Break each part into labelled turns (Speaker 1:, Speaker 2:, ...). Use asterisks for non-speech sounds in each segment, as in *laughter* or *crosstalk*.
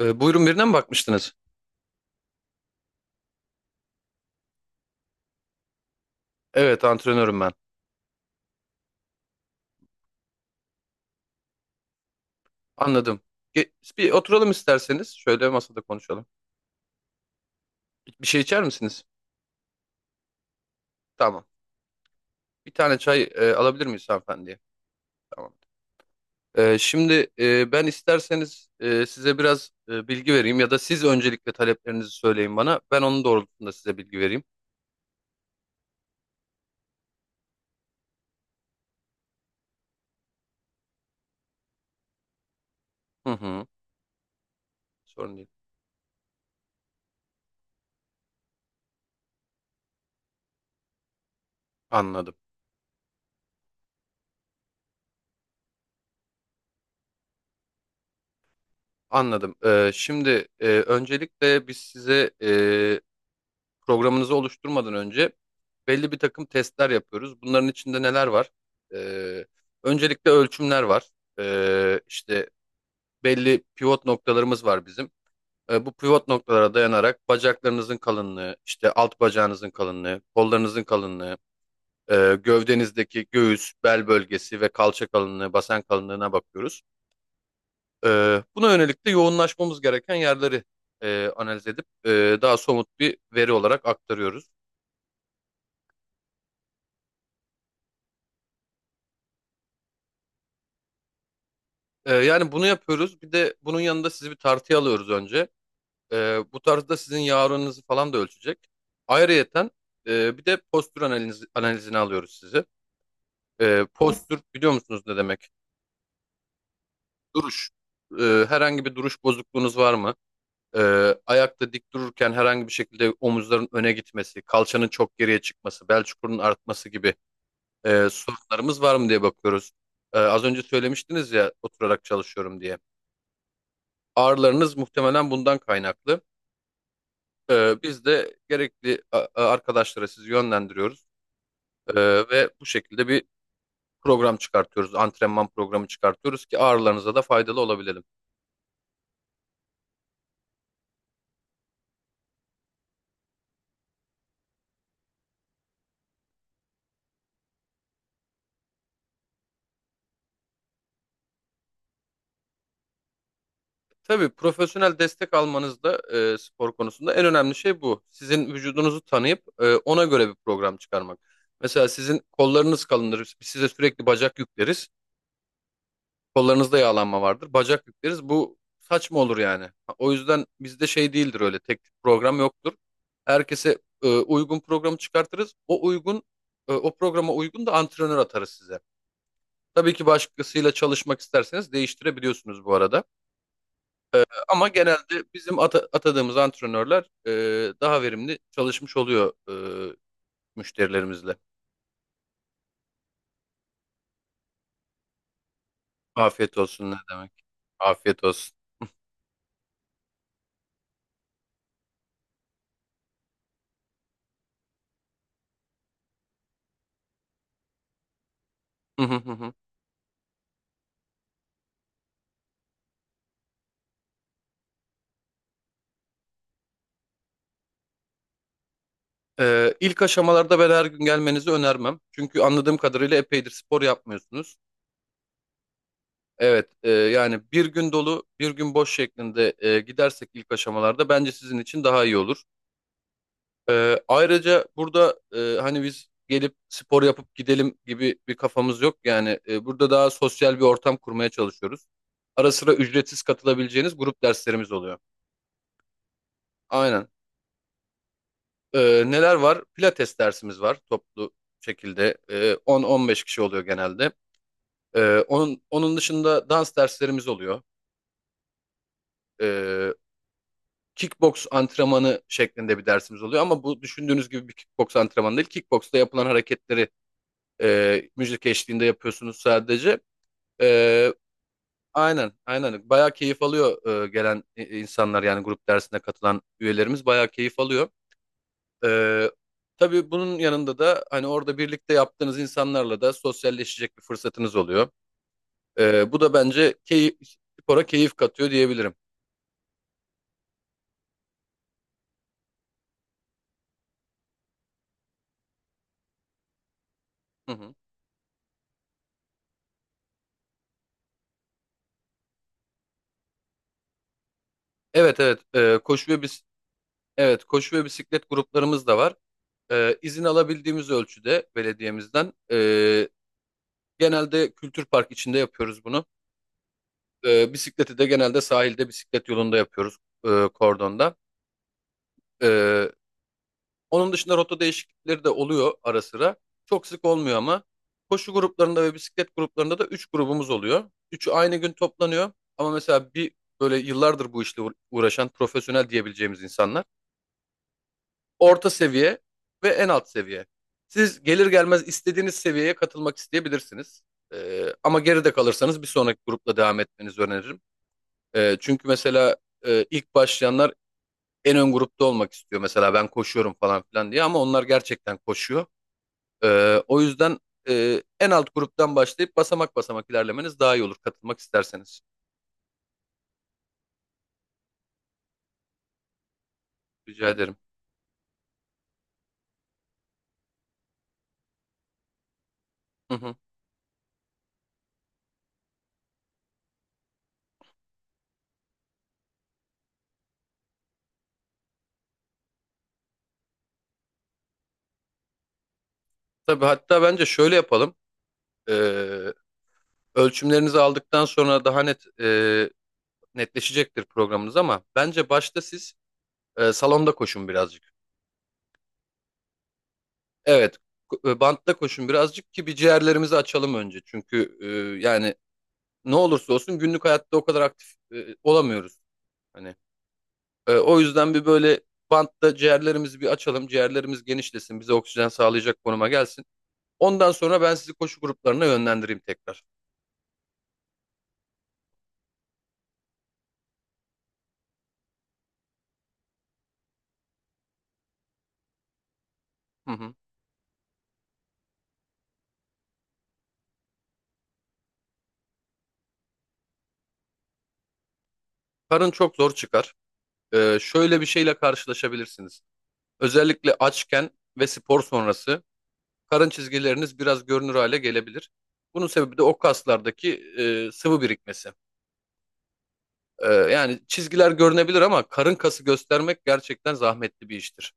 Speaker 1: Buyurun birine mi bakmıştınız? Evet, antrenörüm ben. Anladım. Ge- Bir oturalım isterseniz. Şöyle masada konuşalım. Bir şey içer misiniz? Tamam. Bir tane çay alabilir miyiz hanımefendiye? Tamam. Şimdi ben isterseniz size biraz bilgi vereyim ya da siz öncelikle taleplerinizi söyleyin bana. Ben onun doğrultusunda size bilgi vereyim. Hı hı. Sorun değil. Anladım. Anladım. Şimdi öncelikle biz size programınızı oluşturmadan önce belli bir takım testler yapıyoruz. Bunların içinde neler var? Ee, Öncelikle ölçümler var. İşte belli pivot noktalarımız var bizim. Bu pivot noktalara dayanarak bacaklarınızın kalınlığı, işte alt bacağınızın kalınlığı, kollarınızın kalınlığı, gövdenizdeki göğüs, bel bölgesi ve kalça kalınlığı, basen kalınlığına bakıyoruz. Buna yönelik de yoğunlaşmamız gereken yerleri analiz edip daha somut bir veri olarak aktarıyoruz. Yani bunu yapıyoruz. Bir de bunun yanında sizi bir tartıya alıyoruz önce. Bu tarzda sizin yağ oranınızı falan da ölçecek. Ayrıyeten bir de postür analizini alıyoruz sizi. Postür biliyor musunuz ne demek? Duruş. Herhangi bir duruş bozukluğunuz var mı? Ayakta dik dururken herhangi bir şekilde omuzların öne gitmesi, kalçanın çok geriye çıkması, bel çukurunun artması gibi sorunlarımız var mı diye bakıyoruz. Az önce söylemiştiniz ya oturarak çalışıyorum diye. Ağrılarınız muhtemelen bundan kaynaklı. Biz de gerekli arkadaşlara sizi yönlendiriyoruz. Ee, Ve bu şekilde bir program çıkartıyoruz. Antrenman programı çıkartıyoruz ki ağrılarınıza da faydalı olabilelim. Tabii profesyonel destek almanız da spor konusunda en önemli şey bu. Sizin vücudunuzu tanıyıp ona göre bir program çıkarmak. Mesela sizin kollarınız kalındır. Biz size sürekli bacak yükleriz. Kollarınızda yağlanma vardır. Bacak yükleriz. Bu saçma olur yani. Ha, o yüzden bizde şey değildir öyle. Tek tük program yoktur. Herkese uygun programı çıkartırız. O programa uygun da antrenör atarız size. Tabii ki başkasıyla çalışmak isterseniz değiştirebiliyorsunuz bu arada. E, ama genelde bizim atadığımız antrenörler daha verimli çalışmış oluyor e, müşterilerimizle. Afiyet olsun ne demek. Afiyet olsun. *laughs* İlk aşamalarda ben her gün gelmenizi önermem. Çünkü anladığım kadarıyla epeydir spor yapmıyorsunuz. Evet, yani bir gün dolu, bir gün boş şeklinde gidersek ilk aşamalarda bence sizin için daha iyi olur. Ayrıca burada hani biz gelip spor yapıp gidelim gibi bir kafamız yok. Yani burada daha sosyal bir ortam kurmaya çalışıyoruz. Ara sıra ücretsiz katılabileceğiniz grup derslerimiz oluyor. Aynen. Neler var? Pilates dersimiz var toplu şekilde. 10-15 kişi oluyor genelde. Onun dışında dans derslerimiz oluyor. Ee, Kickbox antrenmanı şeklinde bir dersimiz oluyor ama bu düşündüğünüz gibi bir kickbox antrenmanı değil. Kickboxta yapılan hareketleri müzik eşliğinde yapıyorsunuz sadece. Ee, aynen. Bayağı keyif alıyor gelen insanlar yani grup dersine katılan üyelerimiz bayağı keyif alıyor. Ee, tabii bunun yanında da hani orada birlikte yaptığınız insanlarla da sosyalleşecek bir fırsatınız oluyor. Bu da bence spora keyif katıyor diyebilirim. Hı hı. Evet, evet. Koşu ve bis Evet, koşu ve bisiklet gruplarımız da var. İzin alabildiğimiz ölçüde belediyemizden, genelde kültür park içinde yapıyoruz bunu. Bisikleti de genelde sahilde bisiklet yolunda yapıyoruz, kordonda. Ee, Onun dışında rota değişiklikleri de oluyor ara sıra. Çok sık olmuyor ama koşu gruplarında ve bisiklet gruplarında da 3 grubumuz oluyor. Üçü aynı gün toplanıyor ama mesela bir böyle yıllardır bu işle uğraşan profesyonel diyebileceğimiz insanlar, orta seviye ve en alt seviye. Siz gelir gelmez istediğiniz seviyeye katılmak isteyebilirsiniz. Ama geride kalırsanız bir sonraki grupla devam etmenizi öneririm. Çünkü mesela ilk başlayanlar en ön grupta olmak istiyor. Mesela ben koşuyorum falan filan diye ama onlar gerçekten koşuyor. O yüzden en alt gruptan başlayıp basamak basamak ilerlemeniz daha iyi olur katılmak isterseniz. Rica ederim. Hı hı. Tabii hatta bence şöyle yapalım. Ee, Ölçümlerinizi aldıktan sonra daha netleşecektir programınız ama bence başta siz salonda koşun birazcık. Evet, bantta koşun birazcık ki bir ciğerlerimizi açalım önce. Çünkü yani ne olursa olsun günlük hayatta o kadar aktif olamıyoruz. Hani o yüzden bir böyle bantta ciğerlerimizi bir açalım. Ciğerlerimiz genişlesin, bize oksijen sağlayacak konuma gelsin. Ondan sonra ben sizi koşu gruplarına yönlendireyim tekrar. Hı hı. Karın çok zor çıkar. E, şöyle bir şeyle karşılaşabilirsiniz. Özellikle açken ve spor sonrası karın çizgileriniz biraz görünür hale gelebilir. Bunun sebebi de o kaslardaki sıvı birikmesi. E, yani çizgiler görünebilir ama karın kası göstermek gerçekten zahmetli bir iştir.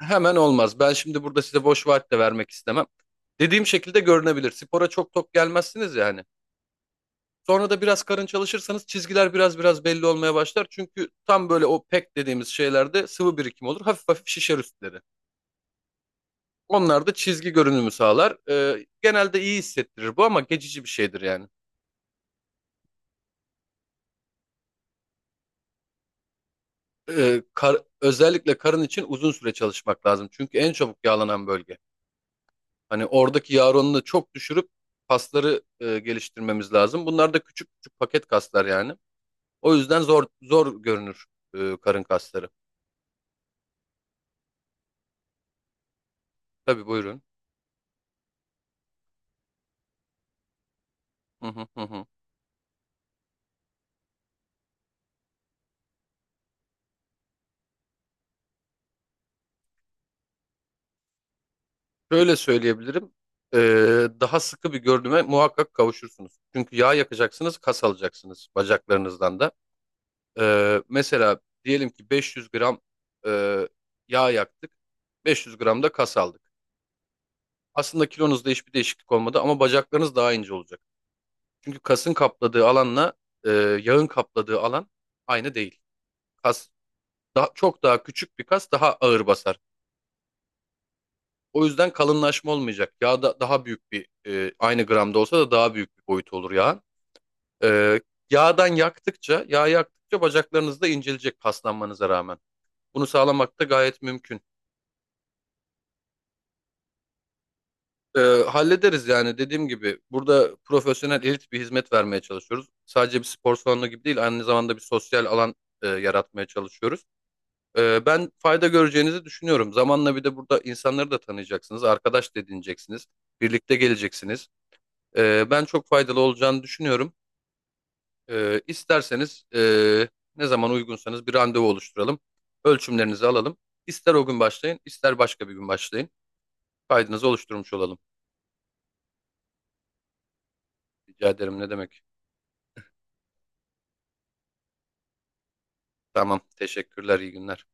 Speaker 1: Hemen olmaz. Ben şimdi burada size boş vaat de vermek istemem. Dediğim şekilde görünebilir. Spora çok tok gelmezsiniz yani. Sonra da biraz karın çalışırsanız çizgiler biraz biraz belli olmaya başlar. Çünkü tam böyle o pek dediğimiz şeylerde sıvı birikim olur. Hafif hafif şişer üstleri. Onlar da çizgi görünümü sağlar. E, genelde iyi hissettirir bu ama geçici bir şeydir yani. Özellikle karın için uzun süre çalışmak lazım. Çünkü en çabuk yağlanan bölge. Hani oradaki yağ oranını çok düşürüp kasları geliştirmemiz lazım. Bunlar da küçük küçük paket kaslar yani. O yüzden zor zor görünür karın kasları. Tabii buyurun. Hı hı, hı hı. Şöyle söyleyebilirim. E, daha sıkı bir görünüme muhakkak kavuşursunuz. Çünkü yağ yakacaksınız, kas alacaksınız bacaklarınızdan da. E, mesela diyelim ki 500 gram e, yağ yaktık. 500 gram da kas aldık. Aslında kilonuzda hiçbir değişiklik olmadı ama bacaklarınız daha ince olacak. Çünkü kasın kapladığı alanla e, yağın kapladığı alan aynı değil. Kas çok daha küçük bir kas daha ağır basar. O yüzden kalınlaşma olmayacak. Yağ da daha büyük bir aynı gramda olsa da daha büyük bir boyut olur yağın. E, Yağ yaktıkça bacaklarınız da incelecek paslanmanıza rağmen. Bunu sağlamak da gayet mümkün. Ee, Hallederiz yani dediğim gibi burada profesyonel elit bir hizmet vermeye çalışıyoruz. Sadece bir spor salonu gibi değil aynı zamanda bir sosyal alan yaratmaya çalışıyoruz. Ben fayda göreceğinizi düşünüyorum. Zamanla bir de burada insanları da tanıyacaksınız, arkadaş da edineceksiniz, birlikte geleceksiniz. Ben çok faydalı olacağını düşünüyorum. İsterseniz ne zaman uygunsanız bir randevu oluşturalım. Ölçümlerinizi alalım. İster o gün başlayın, ister başka bir gün başlayın. Kaydınızı oluşturmuş olalım. Rica ederim ne demek. Tamam. Teşekkürler. İyi günler.